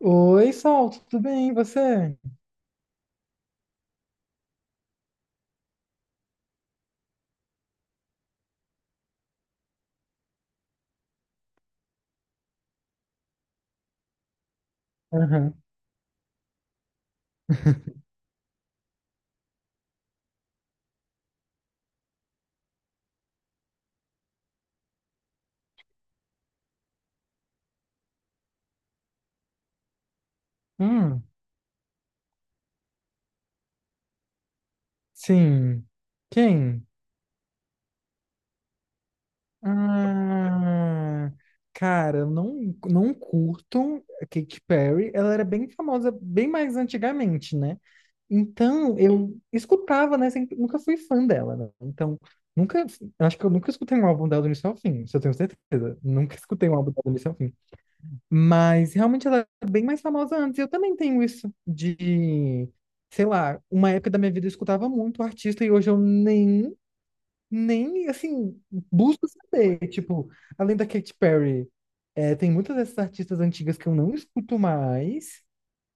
Oi, Sol, tudo bem? E você? Aham. Hum, sim. Quem? Ah, cara, eu não curto a Katy Perry. Ela era bem famosa, bem mais antigamente, né? Então, eu escutava, né? Sempre, nunca fui fã dela, né? Então, nunca. Eu acho que eu nunca escutei um álbum dela do início ao fim, isso eu tenho certeza. Nunca escutei um álbum dela do início ao fim. Mas realmente ela é bem mais famosa antes. Eu também tenho isso de, sei lá, uma época da minha vida eu escutava muito artista e hoje eu nem, nem, assim, busco saber. Tipo, além da Katy Perry, é, tem muitas dessas artistas antigas que eu não escuto mais.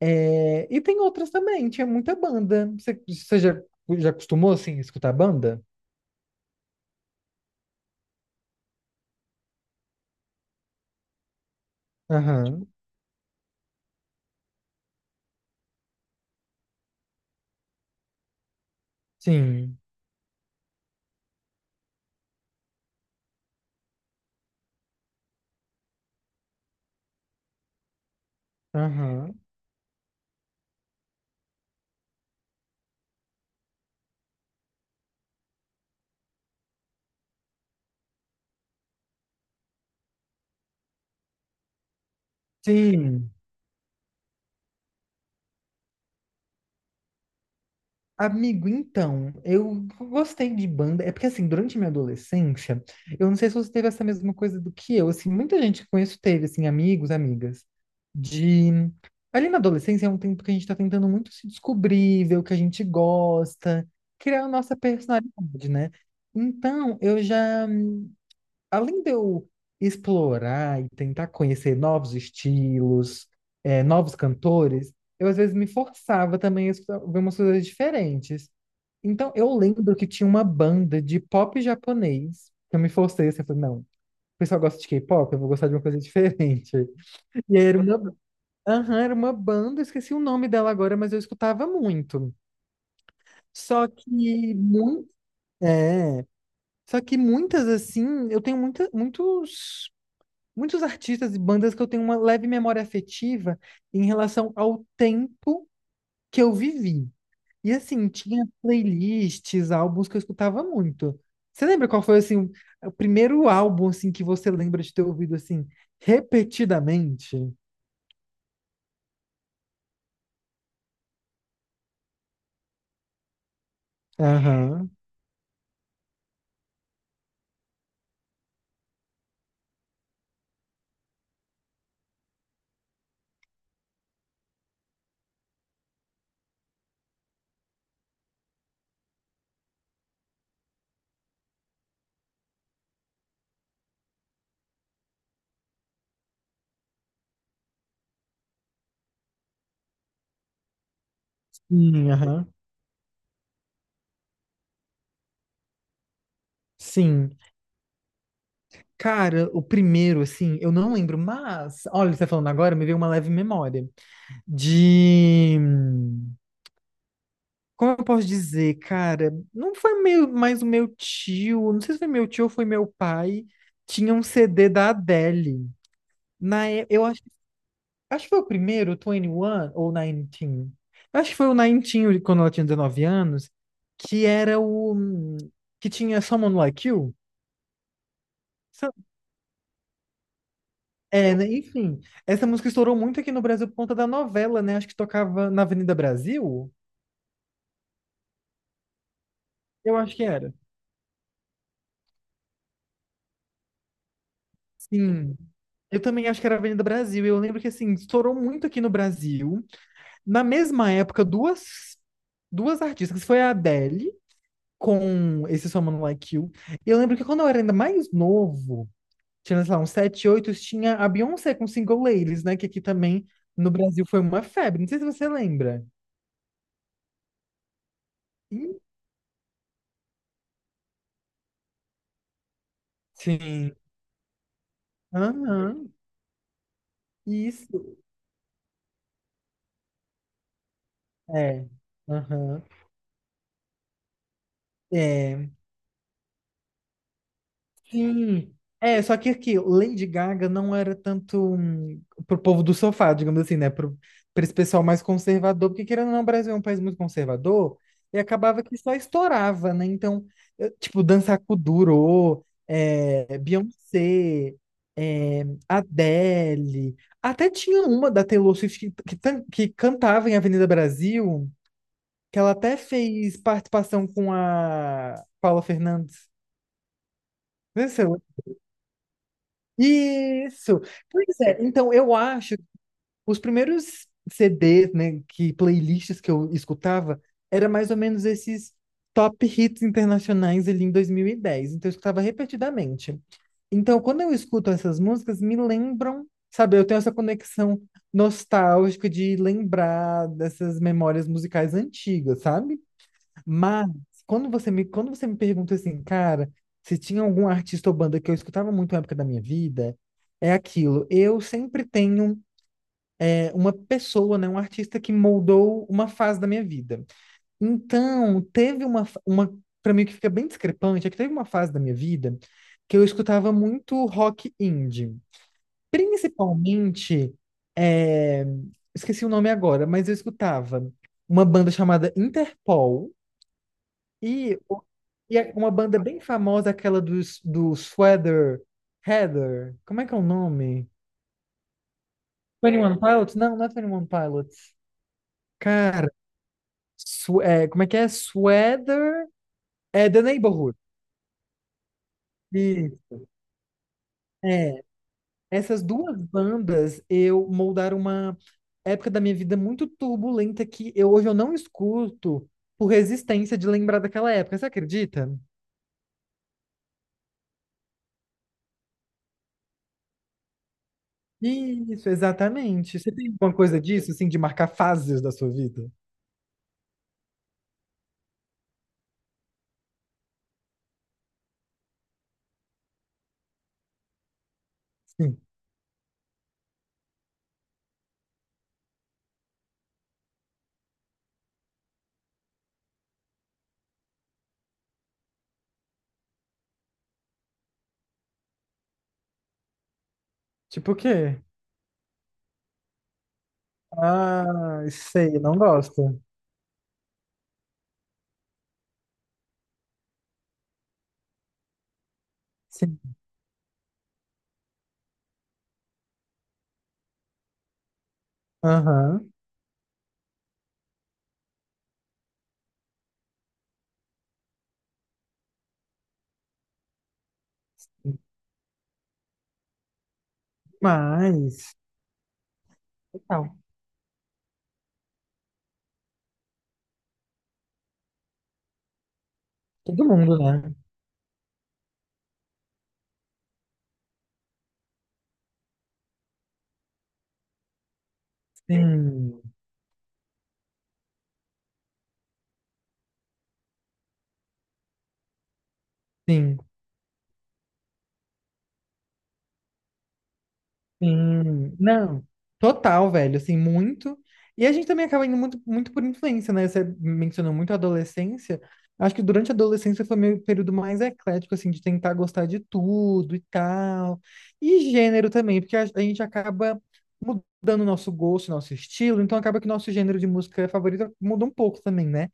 É, e tem outras também, tinha muita banda. Você já acostumou, assim, a escutar banda? Aham, sim. Aham, sim. Amigo, então, eu gostei de banda. É porque, assim, durante minha adolescência, eu não sei se você teve essa mesma coisa do que eu. Assim, muita gente que conheço teve, assim, amigos, amigas, de. Ali na adolescência é um tempo que a gente tá tentando muito se descobrir, ver o que a gente gosta, criar a nossa personalidade, né? Então, eu já. Além de eu explorar e tentar conhecer novos estilos, novos cantores, eu às vezes me forçava também a ver umas coisas diferentes. Então, eu lembro que tinha uma banda de pop japonês. Eu me forcei assim, eu falei, não, o pessoal gosta de K-pop, eu vou gostar de uma coisa diferente. E aí era uma, aham, era uma banda, eu esqueci o nome dela agora, mas eu escutava muito. Só que, muito, é, só que muitas, assim, eu tenho muitos artistas e bandas que eu tenho uma leve memória afetiva em relação ao tempo que eu vivi. E assim, tinha playlists, álbuns que eu escutava muito. Você lembra qual foi assim o primeiro álbum assim que você lembra de ter ouvido assim repetidamente? Aham. Sim, aham. Sim. Cara, o primeiro assim, eu não lembro, mas olha, você tá falando agora, me veio uma leve memória. De Como eu posso dizer, cara, não foi meu, mais o meu tio, não sei se foi meu tio ou foi meu pai, tinha um CD da Adele. Eu acho Acho que foi o primeiro, o 21 ou 19. Acho que foi o 19, quando ela tinha 19 anos, que era o. Que tinha Someone Like You. Sa- É, né? Enfim, essa música estourou muito aqui no Brasil por conta da novela, né? Acho que tocava na Avenida Brasil. Eu acho que era. Sim. Eu também acho que era Avenida Brasil. Eu lembro que, assim, estourou muito aqui no Brasil. Na mesma época, duas artistas. Foi a Adele com esse Someone Like You. E eu lembro que quando eu era ainda mais novo. Tinha, sei lá, uns 7 8 tinha a Beyoncé com Single Ladies, né? Que aqui também no Brasil foi uma febre. Não sei se você lembra. Ih, sim. Aham. Isso. É. Aham. É. Sim. É, só que aqui, Lady Gaga não era tanto, pro povo do sofá, digamos assim, né? Pra esse pessoal mais conservador, porque querendo ou não, o Brasil é um país muito conservador, e acabava que só estourava, né? Então, eu, tipo, Dança com Durô, é, Beyoncé, é, Adele, até tinha uma da Taylor Swift que cantava em Avenida Brasil, que ela até fez participação com a Paula Fernandes. Não sei se você. Isso. Pois é, então eu acho que os primeiros CDs, né, que playlists que eu escutava, era mais ou menos esses top hits internacionais ali em 2010. Então eu escutava repetidamente. Então quando eu escuto essas músicas, me lembram, sabe, eu tenho essa conexão nostálgica de lembrar dessas memórias musicais antigas, sabe? Mas quando você me pergunta assim, cara, se tinha algum artista ou banda que eu escutava muito na época da minha vida, é aquilo. Eu sempre tenho uma pessoa, né, um artista que moldou uma fase da minha vida. Então, teve uma para mim o que fica bem discrepante, é que teve uma fase da minha vida que eu escutava muito rock indie. Principalmente, é, esqueci o nome agora, mas eu escutava uma banda chamada Interpol e, o- e é uma banda bem famosa, aquela do Sweater Heather. Como é que é o nome? 21 Pilots? Não, não é 21 Pilots. Cara, como é que é? Sweater é The Neighborhood. Isso. É, essas duas bandas eu moldaram uma época da minha vida muito turbulenta que eu, hoje eu não escuto por resistência de lembrar daquela época. Você acredita? Isso, exatamente. Você tem alguma coisa disso, assim, de marcar fases da sua vida? Sim. Tipo o quê? Ah, sei, não gosto. Sim. Aham. Mas, total. Todo mundo, né? Sim, sim. Sim, não, total, velho, assim, muito. E a gente também acaba indo muito, muito por influência, né? Você mencionou muito a adolescência. Acho que durante a adolescência foi meu período mais eclético, assim, de tentar gostar de tudo e tal. E gênero também, porque a gente acaba mudando o nosso gosto, nosso estilo, então acaba que o nosso gênero de música favorito muda um pouco também, né?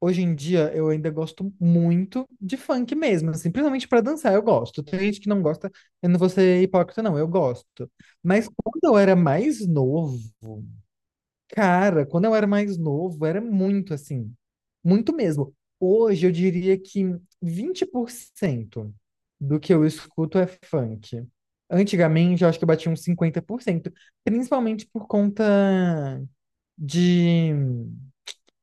Hoje em dia eu ainda gosto muito de funk mesmo, assim, principalmente pra dançar, eu gosto. Tem gente que não gosta, eu não vou ser hipócrita, não, eu gosto. Mas quando eu era mais novo, cara, quando eu era mais novo, era muito assim, muito mesmo. Hoje eu diria que 20% do que eu escuto é funk. Antigamente eu acho que eu batia uns 50%, principalmente por conta de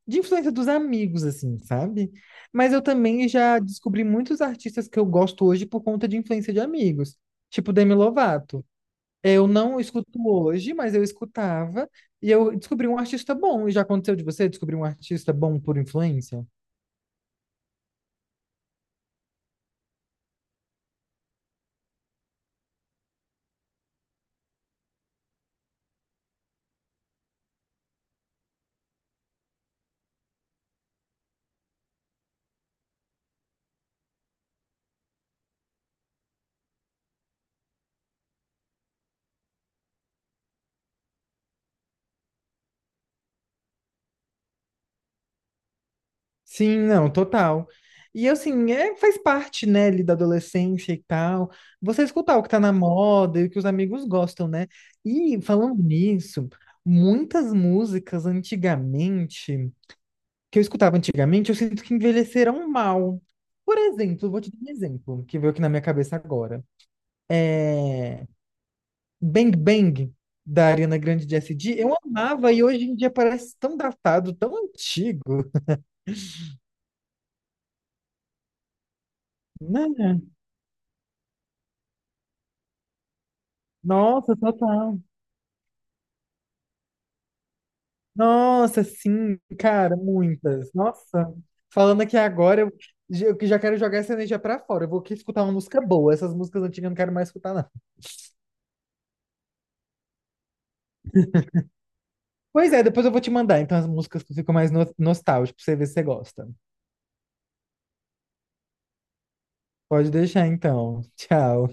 de influência dos amigos, assim, sabe? Mas eu também já descobri muitos artistas que eu gosto hoje por conta de influência de amigos, tipo Demi Lovato. Eu não escuto hoje, mas eu escutava e eu descobri um artista bom. E já aconteceu de você descobrir um artista bom por influência? Sim, não, total. E assim, é, faz parte, né, ali da adolescência e tal. Você escutar o que tá na moda e o que os amigos gostam, né? E falando nisso, muitas músicas antigamente que eu escutava antigamente, eu sinto que envelheceram mal. Por exemplo, vou te dar um exemplo que veio aqui na minha cabeça agora. Bang Bang, da Ariana Grande de S.D., eu amava e hoje em dia parece tão datado, tão antigo, né? Nossa, total. Nossa, sim, cara, muitas. Nossa, falando aqui agora, eu que já quero jogar essa energia pra fora. Eu vou aqui escutar uma música boa. Essas músicas antigas eu não quero mais escutar, não. Pois é, depois eu vou te mandar, então, as músicas que ficam mais nostálgicas, pra você ver se você gosta. Pode deixar então. Tchau.